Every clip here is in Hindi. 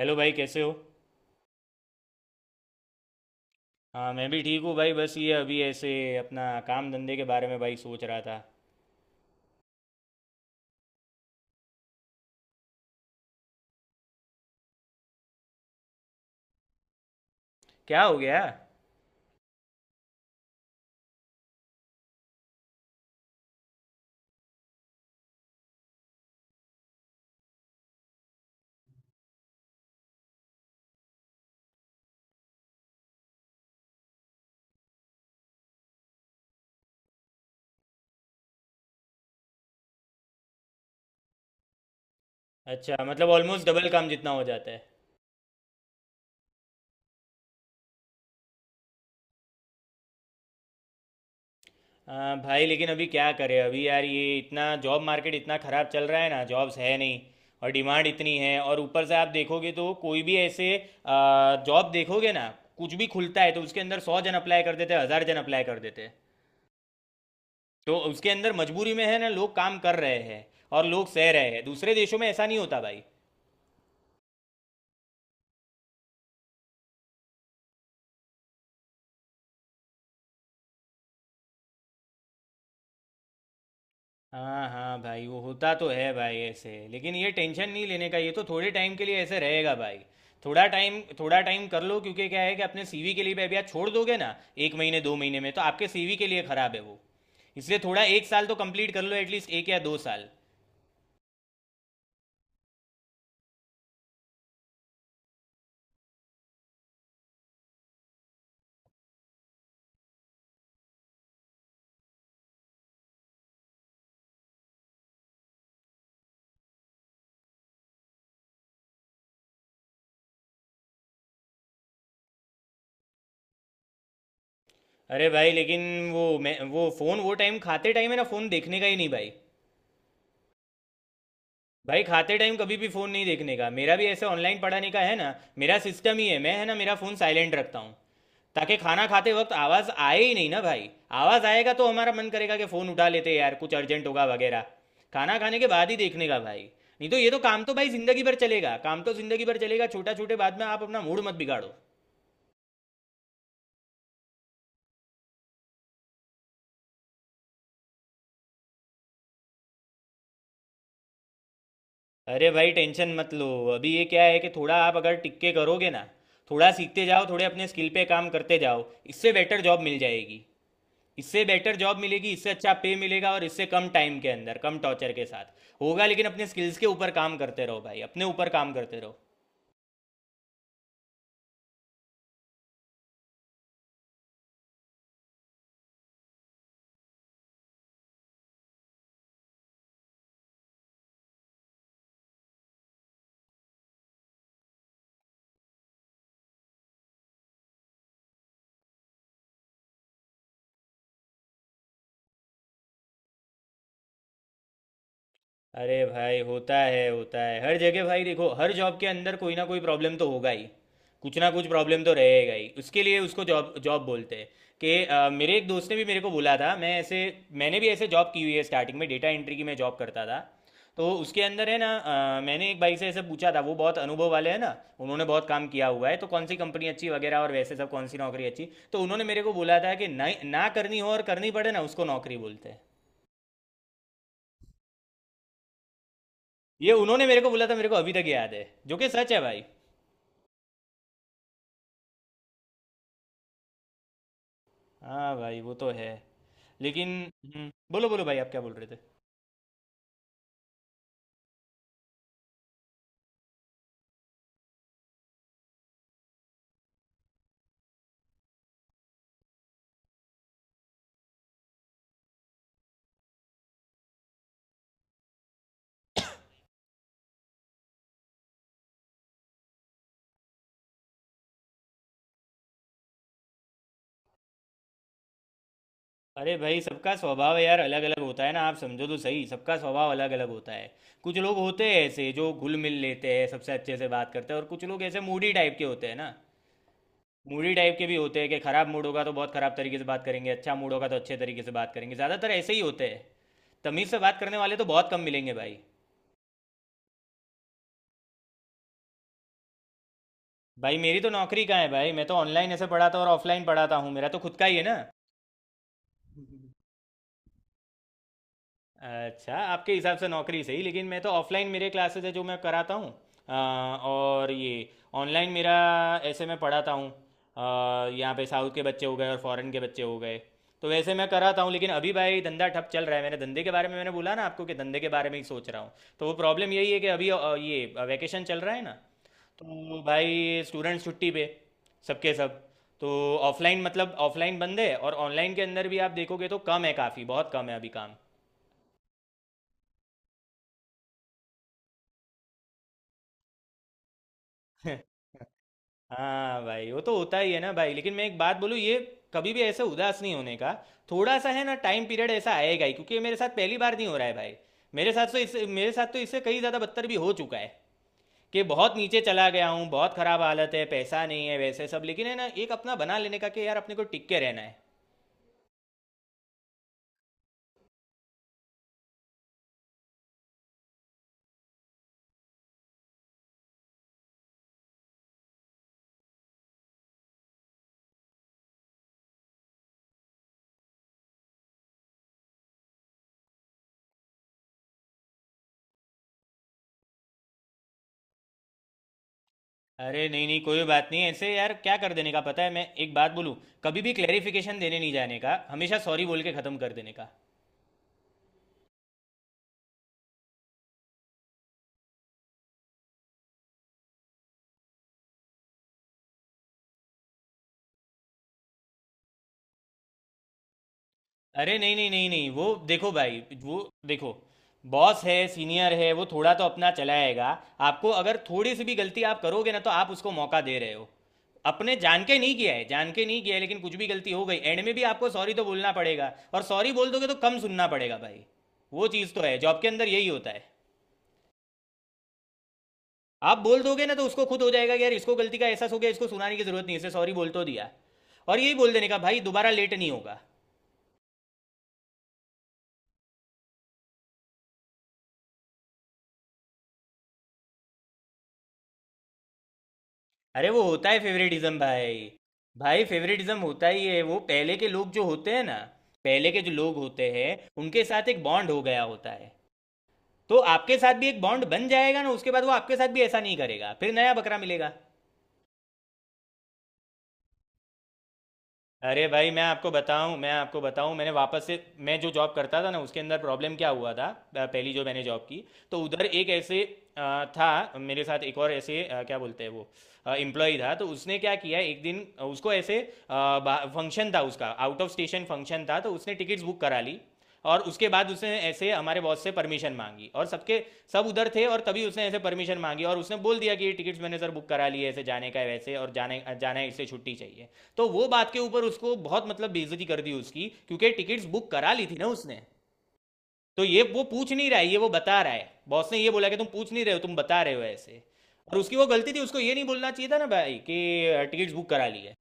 हेलो भाई, कैसे हो? हाँ, मैं भी ठीक हूँ भाई, बस ये अभी ऐसे अपना काम धंधे के बारे में भाई सोच रहा था। क्या हो गया? अच्छा, मतलब ऑलमोस्ट डबल काम जितना हो जाता है। हाँ, भाई लेकिन अभी क्या करें, अभी यार ये इतना जॉब मार्केट इतना ख़राब चल रहा है ना, जॉब्स है नहीं। और डिमांड इतनी है, और ऊपर से आप देखोगे तो कोई भी ऐसे जॉब देखोगे ना, कुछ भी खुलता है तो उसके अंदर सौ जन अप्लाई कर देते हैं, हज़ार जन अप्लाई कर देते हैं। तो उसके अंदर मजबूरी में है ना, लोग काम कर रहे हैं, और लोग सह रहे हैं। दूसरे देशों में ऐसा नहीं होता भाई। हाँ हाँ भाई, वो होता तो है भाई ऐसे, लेकिन ये टेंशन नहीं लेने का, ये तो थोड़े टाइम के लिए ऐसे रहेगा भाई। थोड़ा टाइम कर लो, क्योंकि क्या है कि अपने सीवी के लिए भी अभी आप छोड़ दोगे ना, एक महीने दो महीने में, तो आपके सीवी के लिए खराब है वो। इसलिए थोड़ा एक साल तो कंप्लीट कर लो, एटलीस्ट एक या दो साल। अरे भाई, लेकिन वो मैं वो फ़ोन वो टाइम खाते टाइम है ना, फ़ोन देखने का ही नहीं भाई। भाई खाते टाइम कभी भी फ़ोन नहीं देखने का, मेरा भी ऐसे ऑनलाइन पढ़ाने का है ना, मेरा सिस्टम ही है, मैं है ना मेरा फ़ोन साइलेंट रखता हूँ। ताकि खाना खाते वक्त आवाज आए ही नहीं ना भाई। आवाज आएगा तो हमारा मन करेगा कि फोन उठा लेते, यार कुछ अर्जेंट होगा वगैरह। खाना खाने के बाद ही देखने का भाई। नहीं तो ये तो काम तो भाई जिंदगी भर चलेगा, काम तो जिंदगी भर चलेगा, छोटा छोटे बाद में आप अपना मूड मत बिगाड़ो। अरे भाई, टेंशन मत लो। अभी ये क्या है कि थोड़ा आप अगर टिक के करोगे ना, थोड़ा सीखते जाओ, थोड़े अपने स्किल पे काम करते जाओ। इससे बेटर जॉब मिल जाएगी। इससे बेटर जॉब मिलेगी, इससे अच्छा पे मिलेगा, और इससे कम टाइम के अंदर, कम टॉर्चर के साथ होगा। लेकिन अपने स्किल्स के ऊपर काम करते रहो भाई, अपने ऊपर काम करते रहो। अरे भाई, होता है, होता है हर जगह भाई। देखो, हर जॉब के अंदर कोई ना कोई प्रॉब्लम तो होगा ही, कुछ ना कुछ प्रॉब्लम तो रहेगा ही। उसके लिए उसको जॉब जॉब बोलते हैं। कि मेरे एक दोस्त ने भी मेरे को बोला था, मैं ऐसे मैंने भी ऐसे जॉब की हुई है, स्टार्टिंग में डेटा एंट्री की मैं जॉब करता था। तो उसके अंदर है ना, मैंने एक भाई से ऐसे पूछा था, वो बहुत अनुभव वाले हैं ना, उन्होंने बहुत काम किया हुआ है, तो कौन सी कंपनी अच्छी वगैरह, और वैसे सब कौन सी नौकरी अच्छी, तो उन्होंने मेरे को बोला था कि ना ना करनी हो और करनी पड़े ना, उसको नौकरी बोलते हैं। ये उन्होंने मेरे को बोला था, मेरे को अभी तक याद है, जो कि सच है भाई। हाँ भाई वो तो है, लेकिन बोलो बोलो भाई, आप क्या बोल रहे थे? अरे भाई, सबका स्वभाव यार अलग अलग होता है ना, आप समझो तो सही, सबका स्वभाव अलग अलग होता है। कुछ लोग होते हैं ऐसे जो घुल मिल लेते हैं, सबसे अच्छे से बात करते हैं, और कुछ लोग ऐसे मूडी टाइप के होते हैं ना। मूडी टाइप के भी होते हैं कि खराब मूड होगा तो बहुत खराब तरीके से बात करेंगे, अच्छा मूड होगा तो अच्छे तरीके से बात करेंगे। ज़्यादातर ऐसे ही होते हैं, तमीज़ से बात करने वाले तो बहुत कम मिलेंगे भाई। भाई मेरी तो नौकरी का है भाई, मैं तो ऑनलाइन ऐसे पढ़ाता और ऑफलाइन पढ़ाता हूँ, मेरा तो खुद का ही है ना। अच्छा, आपके हिसाब से नौकरी सही, लेकिन मैं तो ऑफलाइन मेरे क्लासेस है जो मैं कराता हूँ। और ये ऑनलाइन मेरा ऐसे मैं पढ़ाता हूँ। यहाँ पे साउथ के बच्चे हो गए, और फॉरेन के बच्चे हो गए। तो वैसे मैं कराता हूँ, लेकिन अभी भाई धंधा ठप चल रहा है। मैंने धंधे के बारे में मैंने बोला ना आपको, कि धंधे के बारे में ही सोच रहा हूँ। तो वो प्रॉब्लम यही है कि अभी ये वैकेशन चल रहा है ना। तो भाई स्टूडेंट छुट्टी पे, सबके सब। तो ऑफलाइन मतलब ऑफलाइन बंद है, और ऑनलाइन के अंदर भी आप देखोगे तो कम है, काफ़ी बहुत कम है अभी काम। हाँ भाई, वो तो होता ही है ना भाई, लेकिन मैं एक बात बोलूँ, ये कभी भी ऐसे उदास नहीं होने का। थोड़ा सा है ना टाइम पीरियड ऐसा आएगा ही, क्योंकि ये मेरे साथ पहली बार नहीं हो रहा है भाई। मेरे साथ तो इससे कई ज़्यादा बदतर भी हो चुका है। कि बहुत नीचे चला गया हूँ, बहुत खराब हालत है, पैसा नहीं है, वैसे सब, लेकिन है ना एक अपना बना लेने का कि यार अपने को टिक के रहना है। अरे नहीं नहीं, कोई बात नहीं ऐसे यार, क्या कर देने का, पता है मैं एक बात बोलूँ? कभी भी क्लेरिफिकेशन देने नहीं जाने का, हमेशा सॉरी बोल के ख़त्म कर देने का। अरे नहीं नहीं नहीं नहीं, वो देखो भाई, वो देखो, बॉस है, सीनियर है, वो थोड़ा तो अपना चलाएगा। आपको अगर थोड़ी सी भी गलती आप करोगे ना, तो आप उसको मौका दे रहे हो। अपने जान के नहीं किया है, जान के नहीं किया है, लेकिन कुछ भी गलती हो गई एंड में भी, आपको सॉरी तो बोलना पड़ेगा, और सॉरी बोल दोगे तो कम सुनना पड़ेगा भाई। वो चीज़ तो है, जॉब के अंदर यही होता है। आप बोल दोगे ना, तो उसको खुद हो जाएगा कि यार इसको गलती का एहसास हो गया, इसको सुनाने की जरूरत नहीं है, इसे सॉरी बोल तो दिया। और यही बोल देने का भाई, दोबारा लेट नहीं होगा। अरे वो होता है फेवरेटिज्म भाई। भाई फेवरेटिज्म होता ही है, वो पहले के लोग जो होते हैं ना, पहले के जो लोग होते हैं, उनके साथ एक बॉन्ड हो गया होता है। तो आपके साथ भी एक बॉन्ड बन जाएगा ना, उसके बाद वो आपके साथ भी ऐसा नहीं करेगा, फिर नया बकरा मिलेगा। अरे भाई मैं आपको बताऊं, मैंने वापस से मैं जो जॉब करता था ना, उसके अंदर प्रॉब्लम क्या हुआ था। पहली जो मैंने जॉब की, तो उधर एक ऐसे था मेरे साथ, एक और ऐसे क्या बोलते हैं वो, एम्प्लॉय था। तो उसने क्या किया एक दिन, उसको ऐसे फंक्शन था उसका, आउट ऑफ स्टेशन फंक्शन था, तो उसने टिकट्स बुक करा ली। और उसके बाद उसने ऐसे हमारे बॉस से परमिशन मांगी, और सबके सब उधर थे, और तभी उसने ऐसे परमिशन मांगी, और उसने बोल दिया कि ये टिकट्स मैंने सर बुक करा लिए, ऐसे जाने का है वैसे, और जाने जाना है, इससे छुट्टी चाहिए। तो वो बात के ऊपर उसको बहुत मतलब बेइज्जती कर दी उसकी, क्योंकि टिकट्स बुक करा ली थी ना उसने। तो ये वो पूछ नहीं रहा है, ये वो बता रहा है, बॉस ने ये बोला कि तुम पूछ नहीं रहे हो, तुम बता रहे हो ऐसे। और उसकी वो गलती थी, उसको ये नहीं बोलना चाहिए था ना भाई कि टिकट्स बुक करा ली है।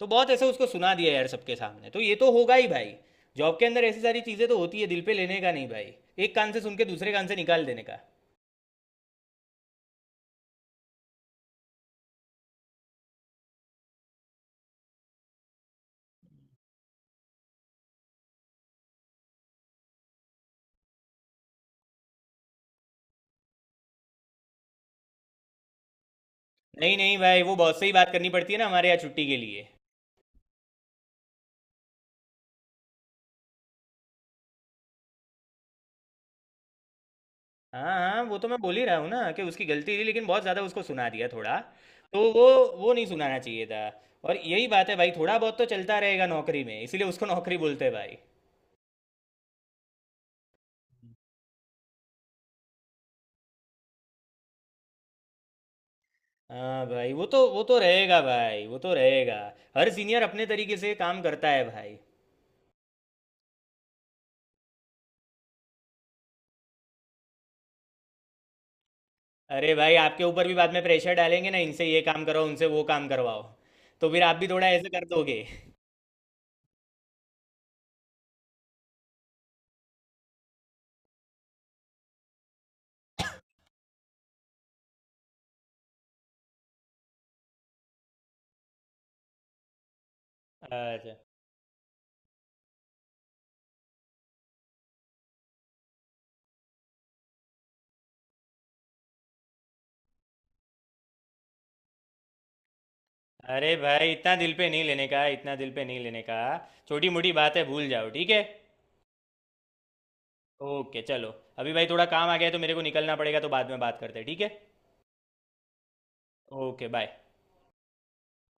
तो बहुत ऐसे उसको सुना दिया यार सबके सामने, तो ये तो होगा ही भाई। जॉब के अंदर ऐसी सारी चीज़ें तो होती है, दिल पे लेने का नहीं भाई। एक कान से सुन के दूसरे कान से निकाल देने का। नहीं नहीं भाई, वो बॉस से ही बात करनी पड़ती है ना, हमारे यहाँ छुट्टी के लिए। हाँ हाँ, वो तो मैं बोल ही रहा हूँ ना कि उसकी गलती थी, लेकिन बहुत ज़्यादा उसको सुना दिया थोड़ा। तो वो वो नहीं सुनाना चाहिए था। और यही बात है भाई, थोड़ा बहुत तो चलता रहेगा नौकरी में, इसीलिए उसको नौकरी बोलते हैं भाई। हाँ भाई, वो तो रहेगा भाई, वो तो रहेगा। हर सीनियर अपने तरीके से काम करता है भाई। अरे भाई, आपके ऊपर भी बाद में प्रेशर डालेंगे ना, इनसे ये काम करो, उनसे वो काम करवाओ, तो फिर आप भी थोड़ा ऐसे कर दोगे। अच्छा। अरे भाई, इतना दिल पे नहीं लेने का, इतना दिल पे नहीं लेने का। छोटी मोटी बातें भूल जाओ, ठीक है। ओके चलो, अभी भाई थोड़ा काम आ गया है, तो मेरे को निकलना पड़ेगा, तो बाद में बात करते हैं, ठीक है। Okay bye.